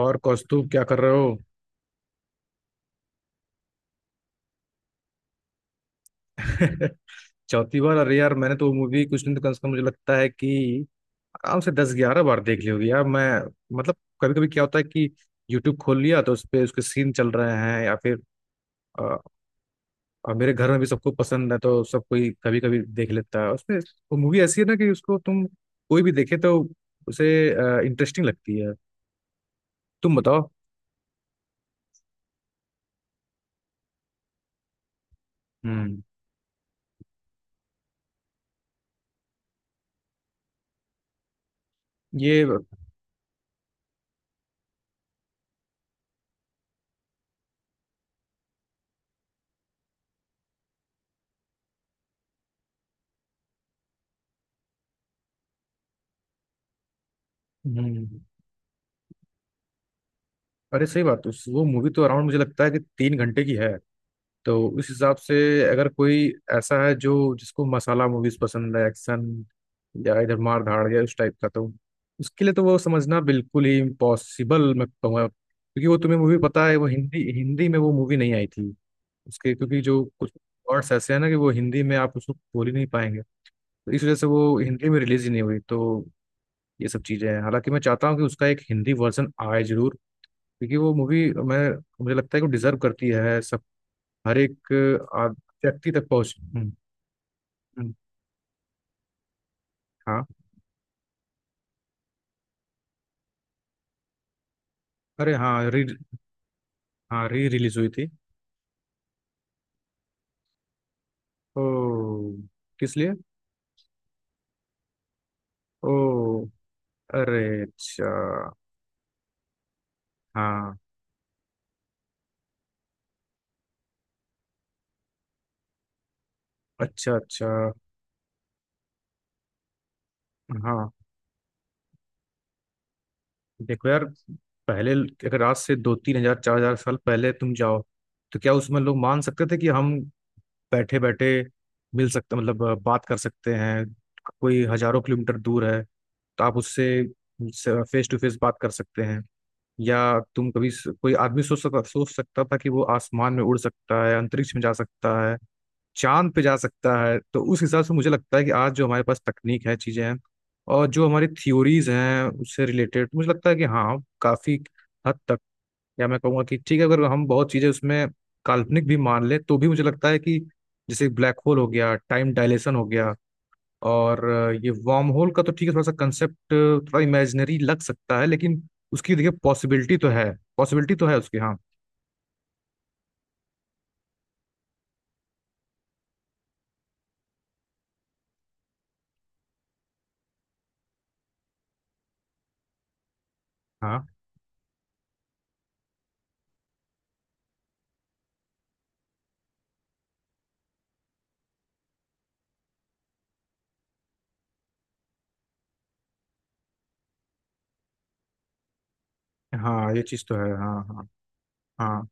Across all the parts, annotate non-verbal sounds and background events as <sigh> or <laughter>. और कौस्तुभ क्या कर रहे हो? <laughs> चौथी बार? अरे यार, मैंने तो वो मूवी कुछ नहीं तो कम से कम मुझे लगता है कि आराम से 10 11 बार देख ली होगी यार। मैं मतलब कभी कभी क्या होता है कि यूट्यूब खोल लिया तो उस पे उसके सीन चल रहे हैं या फिर अ, मेरे घर में भी सबको पसंद है, तो सब कोई कभी कभी देख लेता है उसमें। वो मूवी ऐसी है ना कि उसको तुम कोई भी देखे तो उसे इंटरेस्टिंग लगती है। तुम बताओ। हम्म। ये। हम्म। अरे सही बात, उस वो मूवी तो अराउंड मुझे लगता है कि 3 घंटे की है। तो उस हिसाब से अगर कोई ऐसा है जो जिसको मसाला मूवीज पसंद है, एक्शन या इधर मार धाड़ या उस टाइप का, तो उसके लिए तो वो समझना बिल्कुल ही इम्पॉसिबल मैं कहूँगा। क्योंकि वो तुम्हें मूवी पता है वो हिंदी हिंदी में वो मूवी नहीं आई थी। उसके क्योंकि जो कुछ वर्ड्स ऐसे हैं ना कि वो हिंदी में आप उसको बोल ही नहीं पाएंगे। तो इस वजह से वो हिंदी में रिलीज ही नहीं हुई। तो ये सब चीज़ें हैं। हालांकि मैं चाहता हूँ कि उसका एक हिंदी वर्जन आए जरूर, क्योंकि वो मूवी मैं मुझे लगता है कि डिजर्व करती है हर एक आद- व्यक्ति तक पहुंच। हम्म। हम्म। हाँ। अरे हाँ, री हाँ री रिलीज हुई थी। ओ, किस लिए? ओ, अरे अच्छा। हाँ। अच्छा अच्छा। हाँ, देखो यार, पहले अगर आज से दो तीन हजार चार हजार साल पहले तुम जाओ, तो क्या उसमें लोग मान सकते थे कि हम बैठे बैठे मिल सकते मतलब बात कर सकते हैं? कोई हजारों किलोमीटर दूर है तो आप उससे फेस टू फेस बात कर सकते हैं? या तुम कभी कोई आदमी सोच सकता था कि वो आसमान में उड़ सकता है, अंतरिक्ष में जा सकता है, चांद पे जा सकता है? तो उस हिसाब से मुझे लगता है कि आज जो हमारे पास तकनीक है, चीजें हैं, और जो हमारी थ्योरीज हैं, उससे रिलेटेड मुझे लगता है कि हाँ, काफी हद तक, या मैं कहूँगा कि ठीक है अगर हम बहुत चीजें उसमें काल्पनिक भी मान लें तो भी मुझे लगता है कि जैसे ब्लैक होल हो गया, टाइम डायलेशन हो गया, और ये वार्म होल का तो ठीक है, थोड़ा सा कंसेप्ट थोड़ा इमेजिनरी लग सकता है, लेकिन उसकी देखिए पॉसिबिलिटी तो है। पॉसिबिलिटी तो है उसकी, हाँ। हाँ। हाँ, ये चीज़ तो है, हाँ हाँ। हाँ।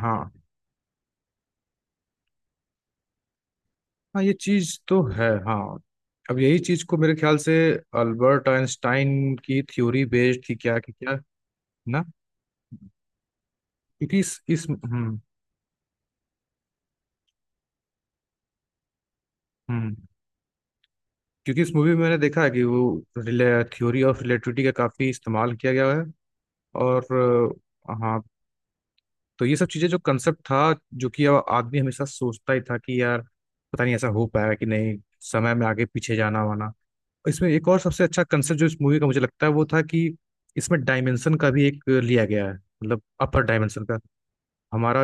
हाँ। हाँ, ये चीज़ तो है, हाँ। अब यही चीज़ को मेरे ख्याल से अल्बर्ट आइंस्टाइन की थ्योरी बेस्ड थी क्या कि क्या ना? क्योंकि इस हम्म। हम्म। क्योंकि इस मूवी में मैंने देखा है कि वो रिले थ्योरी ऑफ रिलेटिविटी का काफ़ी इस्तेमाल किया गया है। और हाँ, तो ये सब चीजें जो कंसेप्ट था, जो कि अब आदमी हमेशा सोचता ही था कि यार पता नहीं ऐसा हो पाएगा कि नहीं, समय में आगे पीछे जाना वाना। इसमें एक और सबसे अच्छा कंसेप्ट जो इस मूवी का मुझे लगता है वो था कि इसमें डायमेंशन का भी एक लिया गया है, मतलब अपर डायमेंशन का। हमारा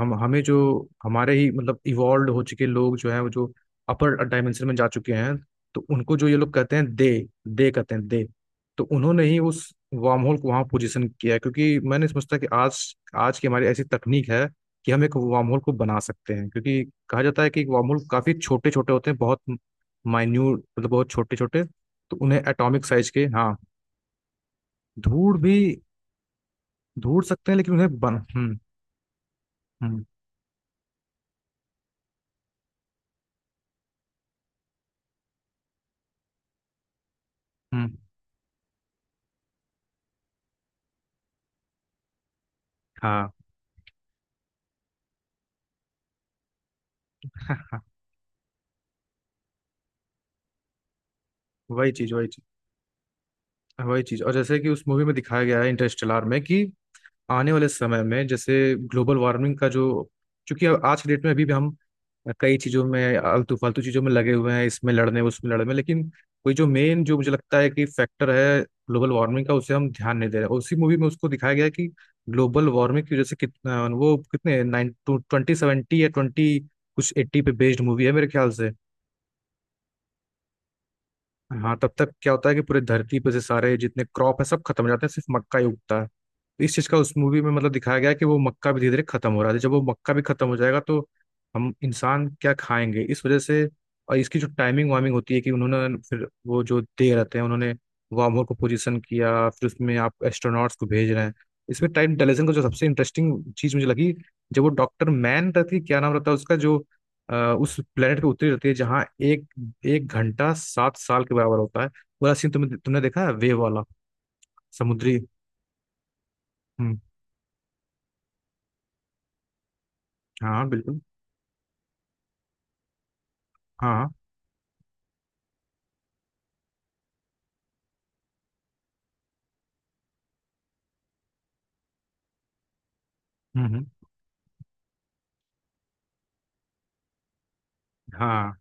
हम हमें जो हमारे ही मतलब इवॉल्व हो चुके लोग जो हैं, वो जो अपर डायमेंशन में जा चुके हैं, तो उनको जो ये लोग कहते हैं दे। दे कहते हैं दे। तो उन्होंने ही उस वार्म होल को वहां पोजीशन किया है, क्योंकि मैंने समझता कि आज आज की हमारी ऐसी तकनीक है कि हम एक वार्म होल को बना सकते हैं, क्योंकि कहा जाता है कि वार्म होल काफी छोटे छोटे होते हैं, बहुत माइन्यूट, मतलब बहुत छोटे छोटे। तो उन्हें एटॉमिक साइज के, हाँ। धूड़ भी धूड़ सकते हैं, लेकिन उन्हें बन। हम्म। हम्म। हम्म। हाँ। <laughs> वही चीज, वही चीज। वही चीज, और जैसे कि उस मूवी में दिखाया गया है इंटरस्टेलर में कि आने वाले समय में जैसे ग्लोबल वार्मिंग का जो, क्योंकि अब आज के डेट में अभी भी हम कई चीजों में आलतू फालतू चीजों में लगे हुए हैं, इसमें लड़ने उसमें लड़ने, लेकिन कोई जो मेन जो मुझे लगता है कि फैक्टर है ग्लोबल वार्मिंग का, उसे हम ध्यान नहीं दे रहे हैं। उसी मूवी में उसको दिखाया गया है कि ग्लोबल वार्मिंग की वजह से कितना वो कितने नाइन टू ट्वेंटी सेवेंटी या ट्वेंटी कुछ एट्टी पे बेस्ड मूवी है मेरे ख्याल से। हाँ, तब तक क्या होता है कि पूरी धरती पर से सारे जितने क्रॉप है सब खत्म हो जाते हैं, सिर्फ मक्का ही उगता है। इस चीज का उस मूवी में मतलब दिखाया गया है कि वो मक्का भी धीरे धीरे खत्म हो रहा है। जब वो मक्का भी खत्म हो जाएगा तो हम इंसान क्या खाएंगे, इस वजह से। और इसकी जो टाइमिंग वाइमिंग होती है कि उन्होंने फिर वो जो दे रहते हैं, उन्होंने वार्म होल को पोजीशन किया, फिर उसमें आप एस्ट्रोनॉट्स को भेज रहे हैं। इसमें टाइम डिलेशन का जो सबसे इंटरेस्टिंग चीज मुझे लगी, जब वो डॉक्टर मैन रहती है, क्या नाम रहता है उसका जो अ, उस प्लेनेट पे उतरी रहती है जहाँ एक 1 घंटा 7 साल के बराबर होता है। पूरा सीन तुमने तुमने देखा है वेव वाला, समुद्री। हम्म। हाँ बिल्कुल। हाँ हाँ। हम्म। हम्म। हाँ,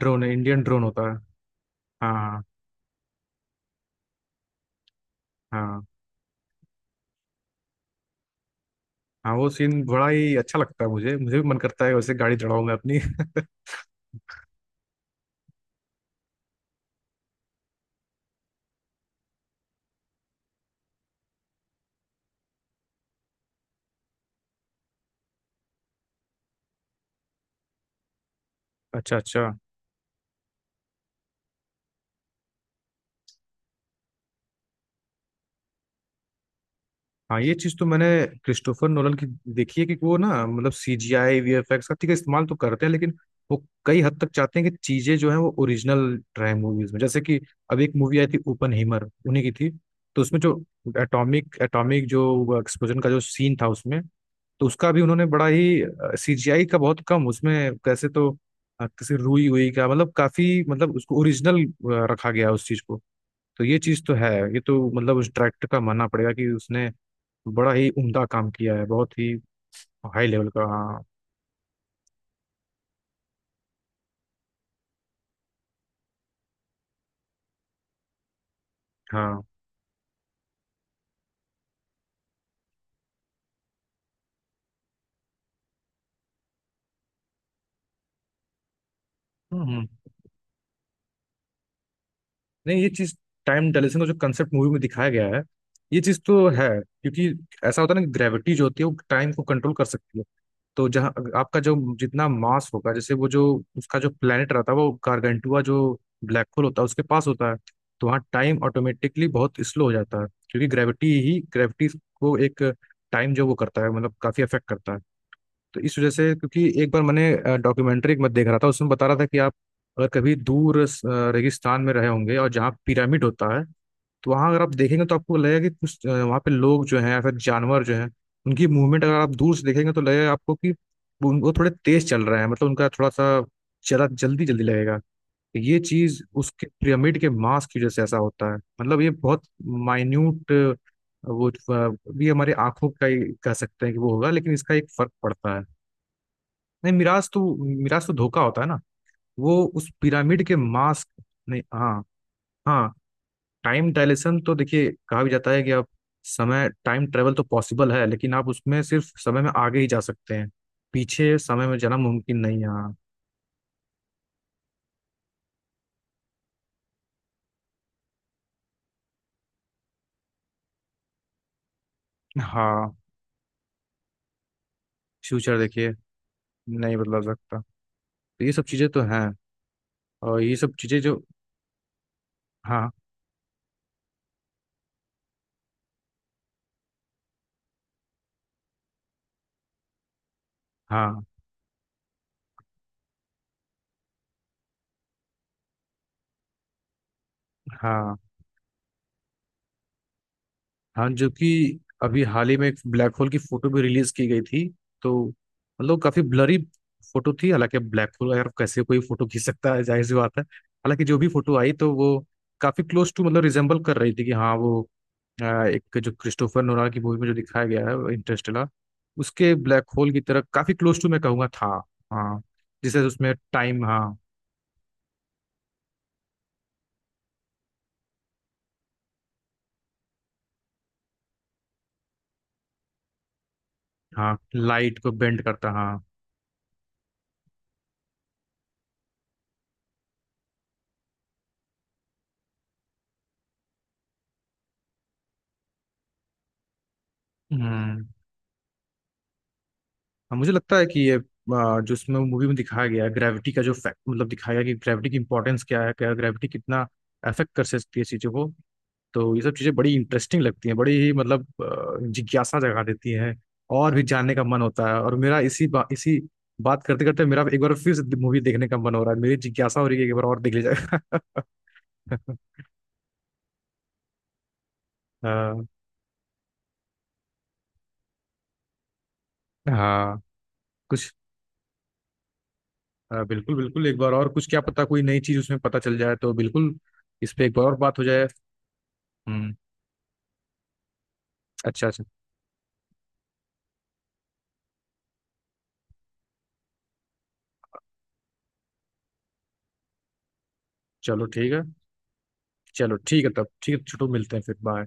ड्रोन, इंडियन ड्रोन होता है। हाँ, हाँ। हाँ, हाँ, वो सीन बड़ा ही अच्छा लगता है। मुझे मुझे भी मन करता है वैसे गाड़ी चढ़ाऊं मैं अपनी। <laughs> अच्छा अच्छा। हाँ, ये चीज़ तो मैंने क्रिस्टोफर नोलन की देखी है कि वो ना मतलब C G I V F X का ठीक है इस्तेमाल तो करते हैं, लेकिन वो कई हद तक चाहते हैं कि चीज़ें जो हैं वो ओरिजिनल रहे मूवीज में। जैसे कि अब एक मूवी आई थी ओपन हीमर, उन्हीं की थी, तो उसमें जो एटॉमिक एटॉमिक जो एक्सप्लोजन का जो सीन था उसमें, तो उसका भी उन्होंने बड़ा ही सीजीआई का बहुत कम उसमें कैसे तो किसी रुई हुई का मतलब काफी मतलब उसको ओरिजिनल रखा गया उस चीज को। तो ये चीज तो है, ये तो मतलब उस डायरेक्टर का मानना पड़ेगा कि उसने बड़ा ही उम्दा काम किया है, बहुत ही हाई लेवल का, हाँ। हाँ। हम्म। हम्म। नहीं, ये चीज, टाइम डायलेशन का जो कंसेप्ट मूवी में दिखाया गया है, ये चीज तो है क्योंकि ऐसा होता है ना कि ग्रेविटी जो होती है वो टाइम को कंट्रोल कर सकती है। तो जहाँ आपका जो जितना मास होगा, जैसे वो जो उसका जो प्लेनेट रहता है वो गारगेंटुआ जो ब्लैक होल होता है उसके पास होता है, तो वहाँ टाइम ऑटोमेटिकली बहुत स्लो हो जाता है क्योंकि ग्रेविटी ही ग्रेविटी को एक टाइम जो वो करता है मतलब काफी अफेक्ट करता है। तो इस वजह से, क्योंकि एक बार मैंने डॉक्यूमेंट्री एक मत देख रहा था उसमें बता रहा था कि आप अगर कभी दूर रेगिस्तान में रहे होंगे और जहाँ पिरामिड होता है, तो वहाँ अगर आप देखेंगे तो आपको लगेगा कि कुछ वहाँ पे लोग जो हैं या फिर जानवर जो हैं, उनकी मूवमेंट अगर आप दूर से देखेंगे तो लगेगा आपको कि वो थोड़े तेज चल रहे हैं, मतलब उनका थोड़ा सा जरा जल्दी जल्दी लगेगा। तो ये चीज उसके पिरामिड के मास की वजह से ऐसा होता है, मतलब ये बहुत माइन्यूट वो भी हमारी आंखों का ही कह सकते हैं कि वो होगा, लेकिन इसका एक फर्क पड़ता है। नहीं, मिराज तो, मिराज तो धोखा होता है ना। वो उस पिरामिड के मास्क। नहीं, हाँ। हाँ, टाइम डायलेशन तो देखिए, कहा भी जाता है कि आप समय टाइम ट्रेवल तो पॉसिबल है, लेकिन आप उसमें सिर्फ समय में आगे ही जा सकते हैं। पीछे समय में जाना मुमकिन नहीं है, हाँ। हाँ, फ्यूचर देखिए, नहीं बदला जा सकता। तो ये सब चीज़ें तो हैं। और ये सब चीज़ें जो, हाँ, हाँ, हाँ, हाँ, जो कि अभी हाल ही में एक ब्लैक होल की फोटो भी रिलीज की गई थी, तो मतलब काफी ब्लरी फोटो थी। हालांकि अब ब्लैक होल यार कैसे कोई फोटो खींच सकता है, जाहिर सी बात है। हालांकि जो भी फोटो आई तो वो काफी क्लोज टू मतलब रिजेम्बल कर रही थी कि हाँ, वो एक जो क्रिस्टोफर नोलान की मूवी में जो दिखाया गया है इंटरस्टेलर, उसके ब्लैक होल की तरह काफी क्लोज टू मैं कहूंगा था। हाँ, जिसे उसमें टाइम, हाँ। हाँ, लाइट को बेंड करता, हाँ। हम्म। हाँ, मुझे लगता है कि ये जो इसमें मूवी में दिखाया गया है, ग्रेविटी का जो फैक्ट मतलब दिखाया गया कि ग्रेविटी की इंपॉर्टेंस क्या है, क्या ग्रेविटी कितना अफेक्ट कर सकती है चीज़ों को। तो ये सब चीज़ें बड़ी इंटरेस्टिंग लगती हैं, बड़ी ही मतलब जिज्ञासा जगा देती हैं। और भी जानने का मन होता है। और मेरा इसी बात करते करते मेरा एक बार फिर से मूवी देखने का मन हो रहा है। मेरी जिज्ञासा हो रही है कि एक बार और देख लिया जाएगा। <laughs> आ, हाँ। कुछ बिल्कुल बिल्कुल, एक बार और कुछ, क्या पता कोई नई चीज़ उसमें पता चल जाए, तो बिल्कुल इस पे एक बार और बात हो जाए। हम्म। अच्छा अच्छा। चलो ठीक है। चलो ठीक है, तब ठीक है छोटू, मिलते हैं फिर, बाय।